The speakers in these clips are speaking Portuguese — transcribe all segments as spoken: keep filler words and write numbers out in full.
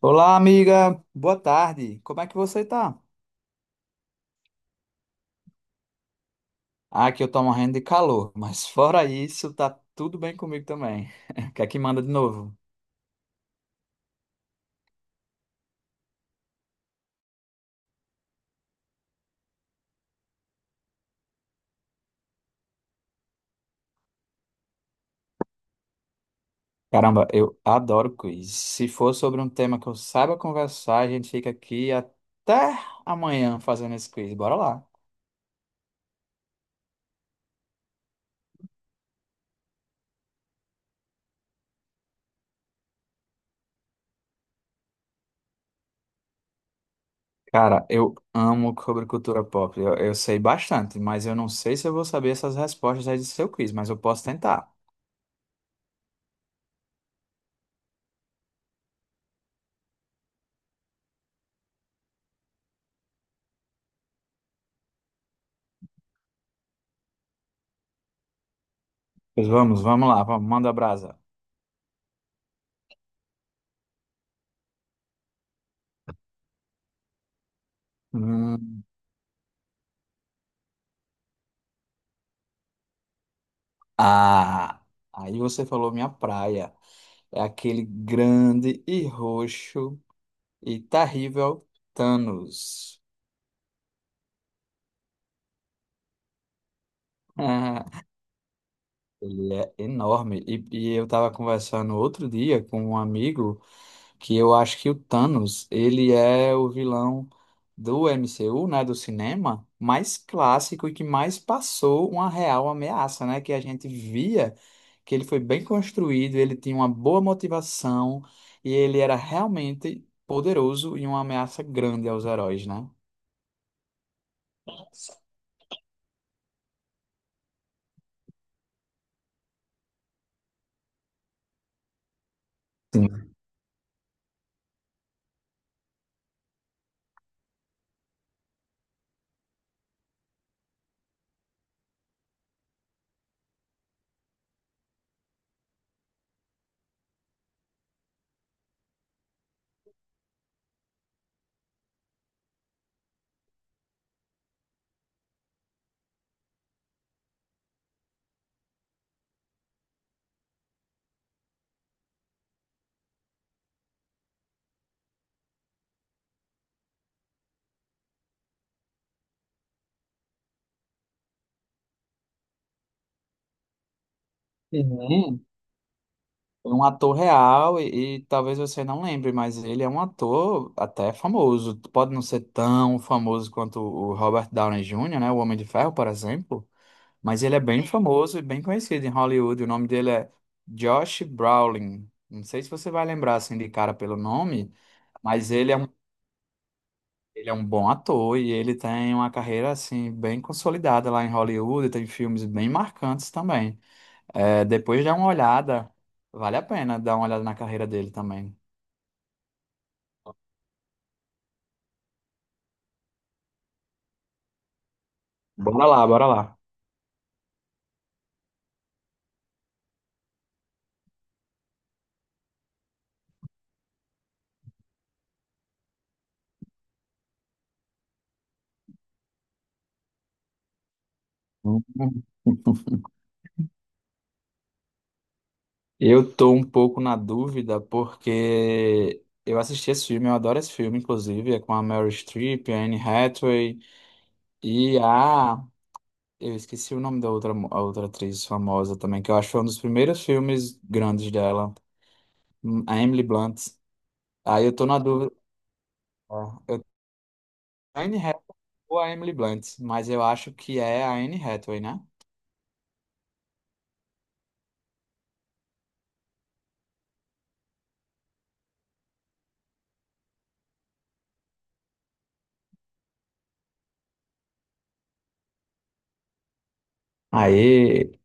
Olá, amiga. Boa tarde. Como é que você tá? Ah, aqui eu tô morrendo de calor, mas fora isso, tá tudo bem comigo também. O que é que manda de novo? Caramba, eu adoro quiz. Se for sobre um tema que eu saiba conversar, a gente fica aqui até amanhã fazendo esse quiz. Bora lá. Cara, eu amo sobre cultura pop. Eu, eu sei bastante, mas eu não sei se eu vou saber essas respostas aí do seu quiz, mas eu posso tentar. Pois vamos, vamos lá, vamos, manda brasa. Hum. Ah, aí você falou minha praia. É aquele grande e roxo e terrível Thanos. Ele é enorme. E, e eu estava conversando outro dia com um amigo, que eu acho que o Thanos, ele é o vilão do M C U, né, do cinema, mais clássico e que mais passou uma real ameaça, né, que a gente via, que ele foi bem construído, ele tinha uma boa motivação e ele era realmente poderoso e uma ameaça grande aos heróis, né? Sim. Sim. Um ator real e, e talvez você não lembre, mas ele é um ator até famoso. Pode não ser tão famoso quanto o Robert Downey júnior, né? O Homem de Ferro, por exemplo, mas ele é bem famoso e bem conhecido em Hollywood. O nome dele é Josh Brolin. Não sei se você vai lembrar assim de cara pelo nome, mas ele é um, ele é um bom ator e ele tem uma carreira assim bem consolidada lá em Hollywood, tem filmes bem marcantes também. É, depois dá uma olhada. Vale a pena dar uma olhada na carreira dele também. Bora lá, bora lá. Hum. Eu tô um pouco na dúvida porque eu assisti esse filme, eu adoro esse filme, inclusive, é com a Meryl Streep, a Anne Hathaway e a... Eu esqueci o nome da outra, mo- a outra atriz famosa também, que eu acho que foi um dos primeiros filmes grandes dela. Hum, a Emily Blunt. Aí eu tô na dúvida. Ó, eu... A Anne Hathaway ou a Emily Blunt, mas eu acho que é a Anne Hathaway, né? Aí...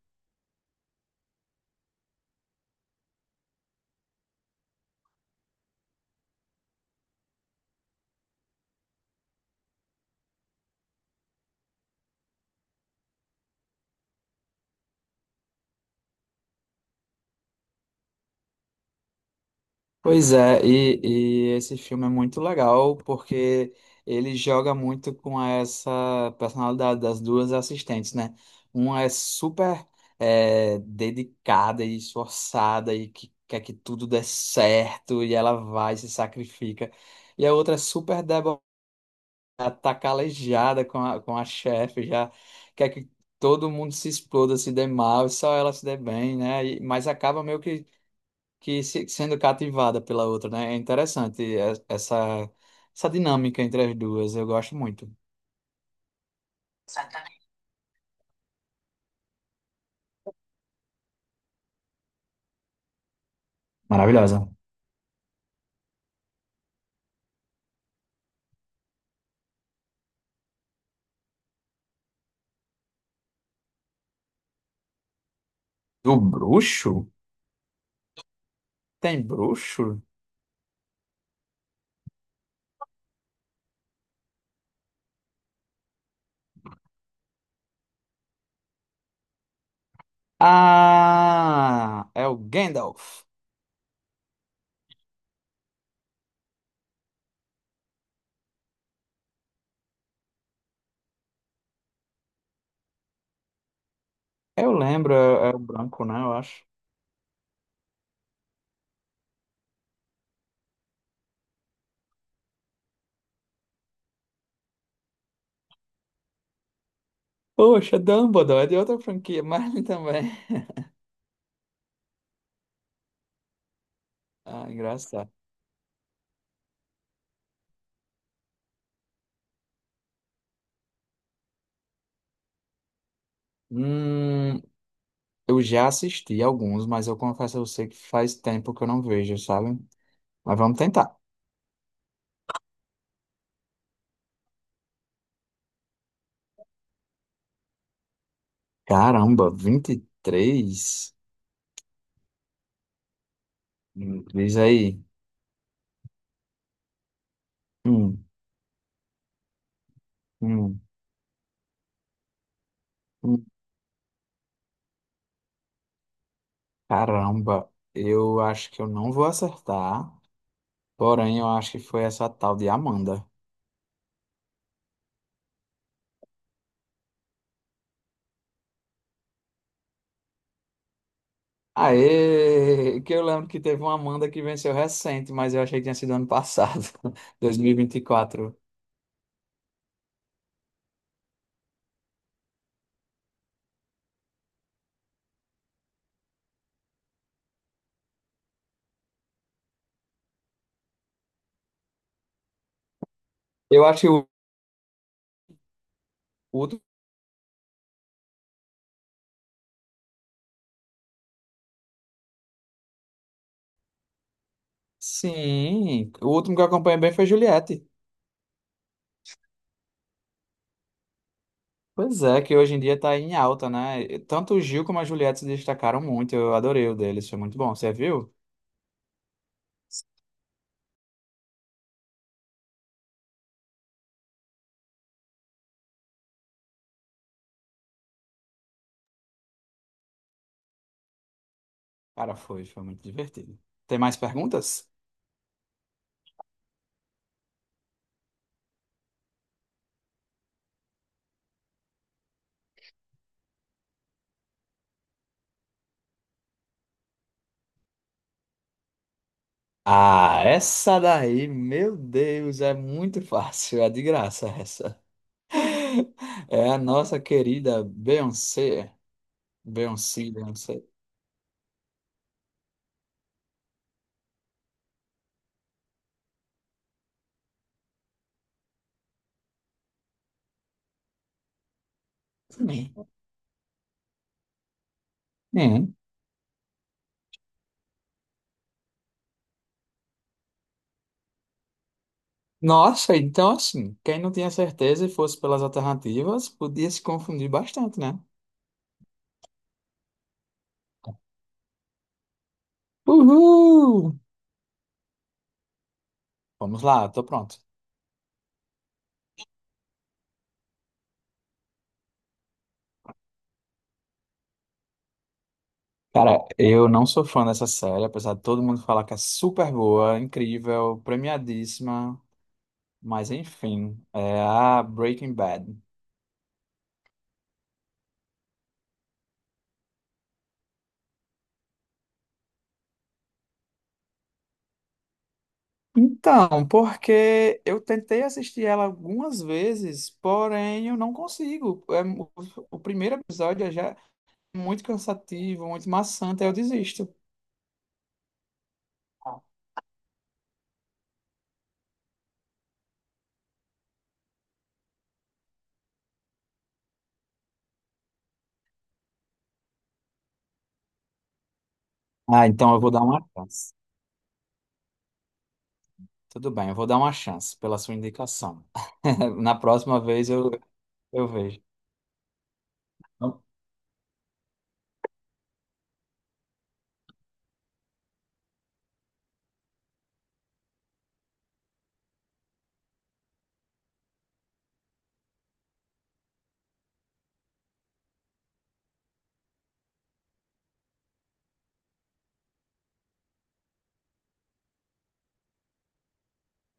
Pois é, e e esse filme é muito legal porque ele joga muito com essa personalidade das duas assistentes, né? Uma é super, eh, dedicada e esforçada e que quer que tudo dê certo e ela vai e se sacrifica. E a outra é super debochada, tá calejada com a, com a chefe, já quer que todo mundo se exploda, se dê mal e só ela se dê bem, né? E- mas acaba meio que que se- sendo cativada pela outra, né? É interessante e- essa, essa dinâmica entre as duas. Eu gosto muito. Maravilhosa. Do bruxo? Tem bruxo? Ah, é o Gandalf. Eu lembro, é, é o branco, né? Eu acho. Poxa, Dumbledore é de outra franquia, mas ele também. Ah, engraçado. Hum, eu já assisti alguns, mas eu confesso a você que faz tempo que eu não vejo, sabe? Mas vamos tentar. Caramba, vinte e três. Diz aí. Hum, hum, hum. Caramba, eu acho que eu não vou acertar. Porém, eu acho que foi essa tal de Amanda. Aê! Que eu lembro que teve uma Amanda que venceu recente, mas eu achei que tinha sido ano passado, dois mil e e vinte e quatro. Eu acho que o último. Sim, o último que eu acompanhei bem foi Juliette. Pois é, que hoje em dia tá em alta, né? Tanto o Gil como a Juliette se destacaram muito. Eu adorei o deles, foi muito bom. Você viu? Cara, foi, foi muito divertido. Tem mais perguntas? Ah, essa daí, meu Deus, é muito fácil, é de graça essa. É a nossa querida Beyoncé. Beyoncé, Beyoncé. Hum. Nossa, então assim, quem não tinha certeza e fosse pelas alternativas, podia se confundir bastante, né? Uhul! Vamos lá, tô pronto. Cara, eu não sou fã dessa série, apesar de todo mundo falar que é super boa, incrível, premiadíssima. Mas enfim, é a Breaking Bad. Então, porque eu tentei assistir ela algumas vezes, porém eu não consigo. É, mu- o primeiro episódio é já muito cansativo, muito maçante, aí eu desisto. Ah, então eu vou dar uma chance. Tudo bem, eu vou dar uma chance pela sua indicação. Na próxima vez eu, eu vejo.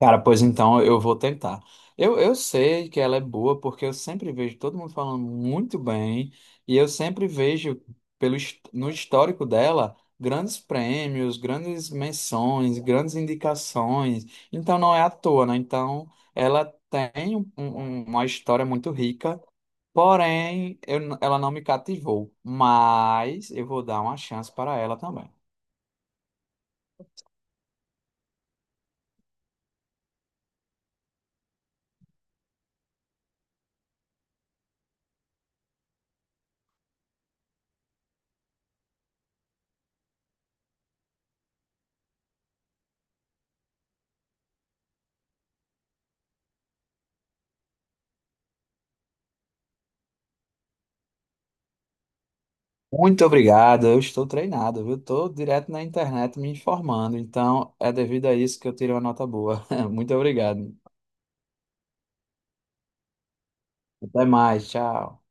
Cara, pois então eu vou tentar. Eu, eu sei que ela é boa porque eu sempre vejo todo mundo falando muito bem e eu sempre vejo pelo, his- no histórico dela grandes prêmios, grandes menções, grandes indicações. Então não é à toa, né? Então ela tem um- um- um, uma história muito rica, porém eu n- ela não me cativou. Mas eu vou dar uma chance para ela também. Muito obrigado, eu estou treinado, viu? Estou direto na internet me informando, então é devido a isso que eu tirei uma nota boa. Muito obrigado. Até mais, tchau.